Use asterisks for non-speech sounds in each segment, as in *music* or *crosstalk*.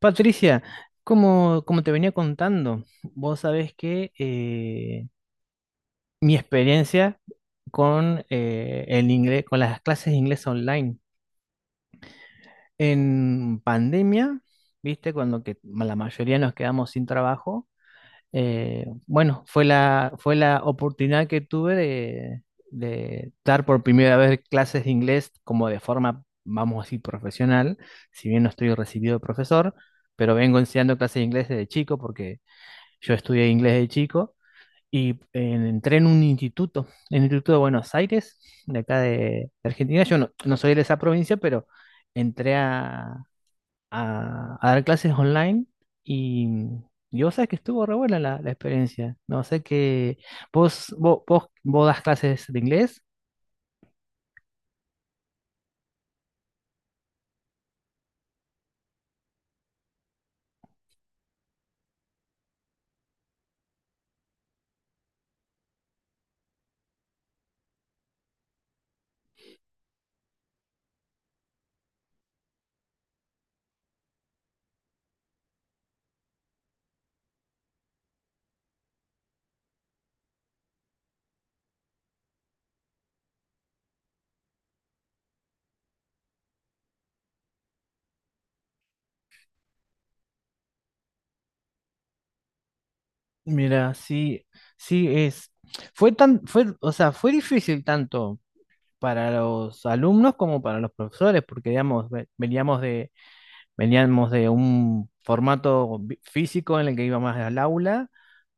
Patricia, como te venía contando, vos sabés que mi experiencia con el inglés, con las clases de inglés online en pandemia, viste, cuando que la mayoría nos quedamos sin trabajo, bueno, fue la oportunidad que tuve de dar por primera vez clases de inglés como de forma, vamos a decir, profesional. Si bien no estoy recibido de profesor, pero vengo enseñando clases de inglés desde chico porque yo estudié inglés de chico y entré en un instituto, en el Instituto de Buenos Aires, de acá de Argentina. Yo no, No soy de esa provincia, pero entré a dar clases online y, y vos sabés que estuvo re buena la experiencia. No sé que vos das clases de inglés. Mira, sí, sí es. O sea, fue difícil tanto para los alumnos como para los profesores, porque digamos, veníamos de un formato físico en el que iba más al aula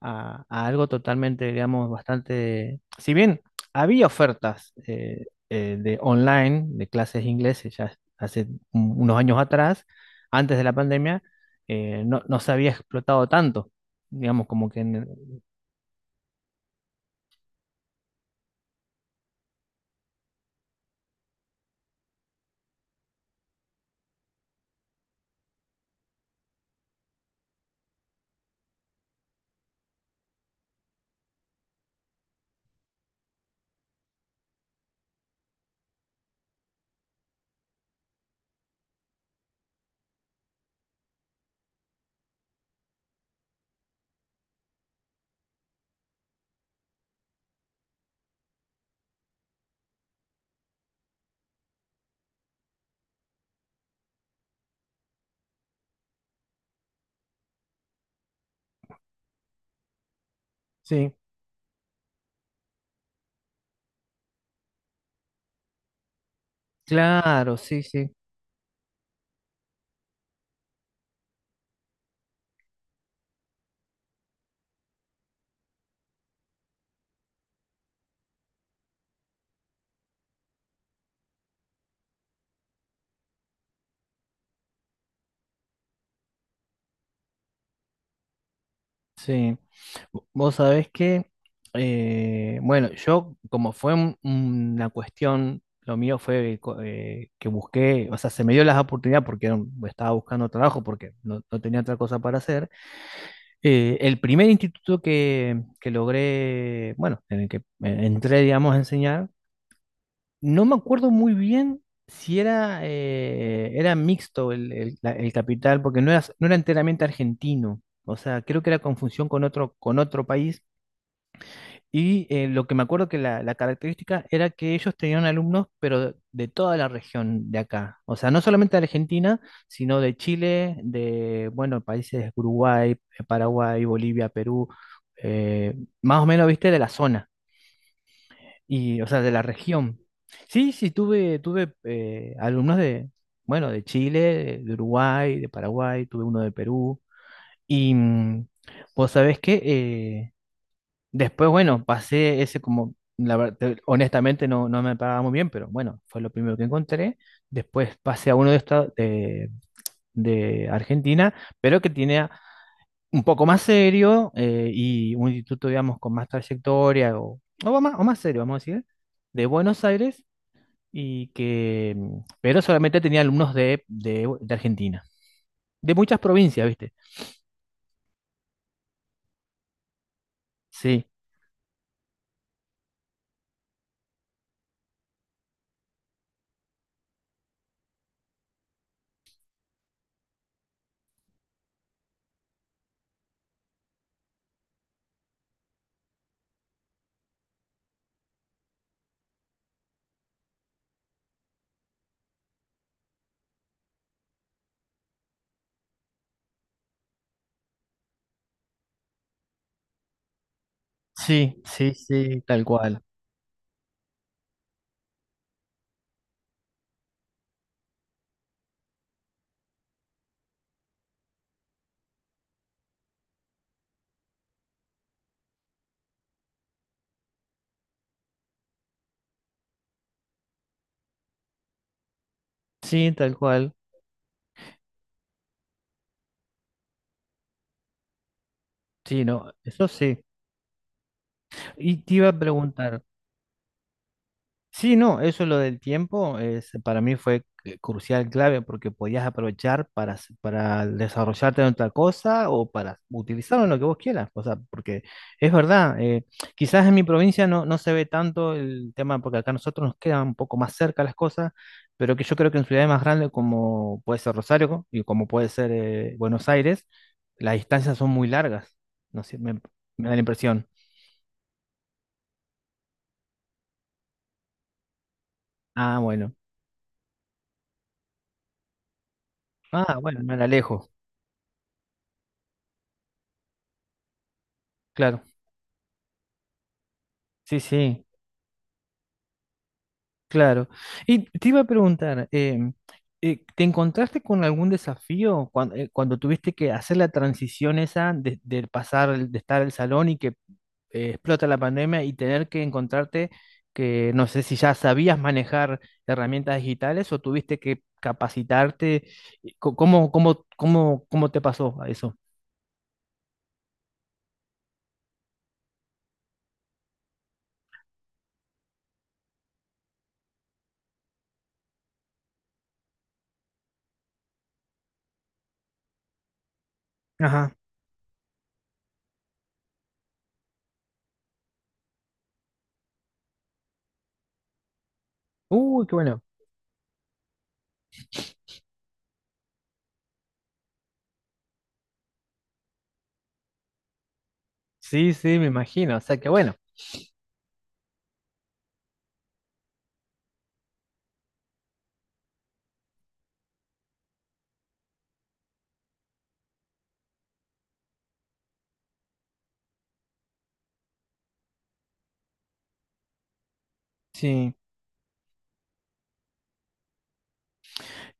a algo totalmente, digamos, bastante... Si bien había ofertas de online, de clases de inglés, ya hace unos años atrás, antes de la pandemia, no se había explotado tanto, digamos, como que... sí, claro, sí, sí. Sí. Vos sabés que, bueno, yo como fue una cuestión, lo mío fue que busqué, o sea, se me dio las oportunidades porque era estaba buscando trabajo, porque no tenía otra cosa para hacer. El primer instituto que logré, bueno, en el que entré, digamos, a enseñar, no me acuerdo muy bien si era, era mixto el capital, porque no era enteramente argentino. O sea, creo que era confusión con otro país, y lo que me acuerdo que la característica era que ellos tenían alumnos, pero de toda la región de acá. O sea, no solamente de Argentina, sino de Chile, de, bueno, países Uruguay, Paraguay, Bolivia, Perú, eh, más o menos, viste, de la zona, y, o sea, de la región. Sí, sí, tuve alumnos de, bueno, de Chile, de Uruguay, de Paraguay, tuve uno de Perú. Y vos sabés que después, bueno, pasé ese como, honestamente no me pagaba muy bien, pero bueno, fue lo primero que encontré. Después pasé a uno de Argentina, pero que tiene un poco más serio, y un instituto, digamos, con más trayectoria o más serio, vamos a decir, de Buenos Aires, y que, pero solamente tenía alumnos de Argentina, de muchas provincias, ¿viste? Sí, sí, tal cual. Sí, tal cual. Sí, no, eso sí. Y te iba a preguntar, sí, no, eso lo del tiempo es, para mí fue crucial, clave, porque podías aprovechar para, para desarrollarte en otra cosa o para utilizarlo en lo que vos quieras. O sea, porque es verdad, quizás en mi provincia no se ve tanto el tema, porque acá a nosotros nos quedan un poco más cerca las cosas, pero que yo creo que en ciudades más grandes como puede ser Rosario y como puede ser Buenos Aires, las distancias son muy largas. No sé, me da la impresión. Ah, bueno. Ah, bueno, me la alejo. Claro, sí, sí, claro. Y te iba a preguntar, ¿te encontraste con algún desafío cuando tuviste que hacer la transición esa de pasar, de estar al salón y que explota la pandemia y tener que encontrarte que no sé si ya sabías manejar herramientas digitales o tuviste que capacitarte? Y ¿ cómo te pasó a eso? Ajá. Uy, qué bueno. Sí, sí, me imagino. O sea, que bueno. Sí.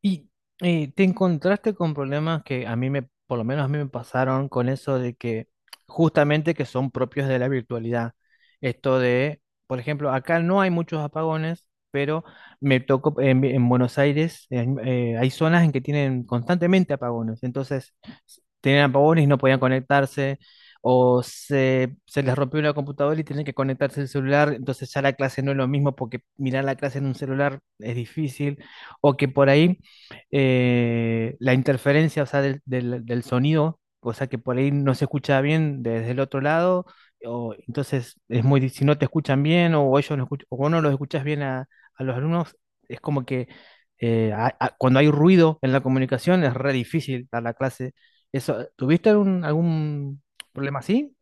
Y te encontraste con problemas que a mí me, por lo menos a mí me pasaron con eso de que justamente que son propios de la virtualidad. Esto de, por ejemplo, acá no hay muchos apagones, pero me tocó en Buenos Aires, hay zonas en que tienen constantemente apagones. Entonces, tenían apagones y no podían conectarse. O se les rompió la computadora y tienen que conectarse el celular, entonces ya la clase no es lo mismo porque mirar la clase en un celular es difícil, o que por ahí la interferencia, o sea, del sonido, o sea, que por ahí no se escucha bien desde el otro lado, o entonces es muy, si no te escuchan bien o ellos no escuch- o vos no los escuchas bien a los alumnos, es como que cuando hay ruido en la comunicación es re difícil dar la clase. Eso, ¿tuviste algún, algún problema así?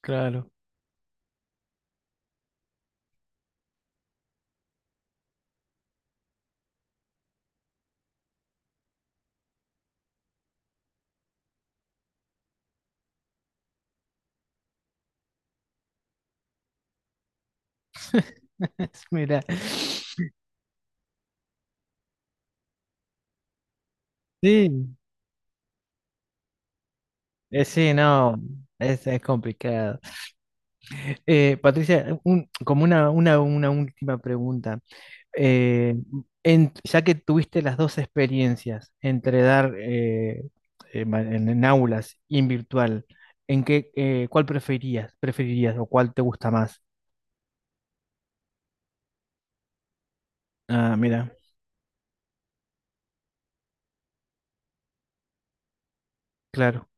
*laughs* Claro. Mira, sí, sí, no, es complicado. Patricia, como una última pregunta. Eh, ya que tuviste las dos experiencias entre dar en aulas y en virtual, ¿en qué, cuál preferías, preferirías o cuál te gusta más? Ah, mira, claro.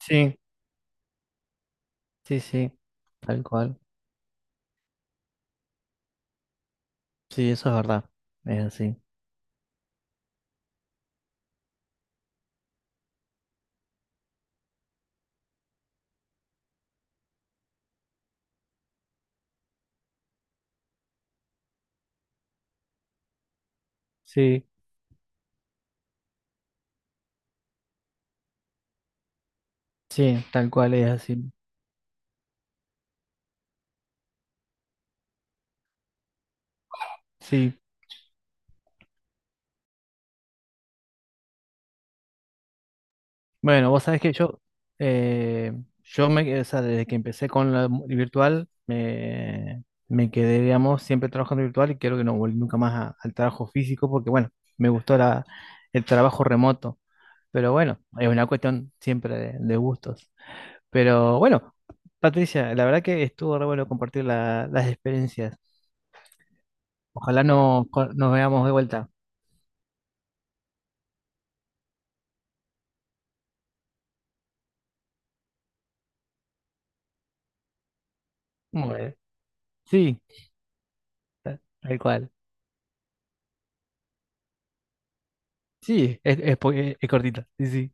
Sí, sí, sí, tal cual. Sí, eso es verdad. Es así. Sí, sí, tal cual es así. Sí. Bueno, vos sabés que yo, eh, yo me, o sea, desde que empecé con la virtual, me quedé, digamos, siempre trabajando virtual y creo que no volví nunca más al trabajo físico porque, bueno, me gustó el trabajo remoto. Pero bueno, es una cuestión siempre de gustos. Pero bueno, Patricia, la verdad que estuvo re bueno compartir las experiencias. Ojalá no, nos veamos de vuelta. Bueno, sí, tal cual. Sí, es, cortita. Sí, sí.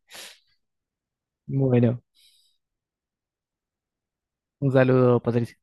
Bueno. Un saludo, Patricia.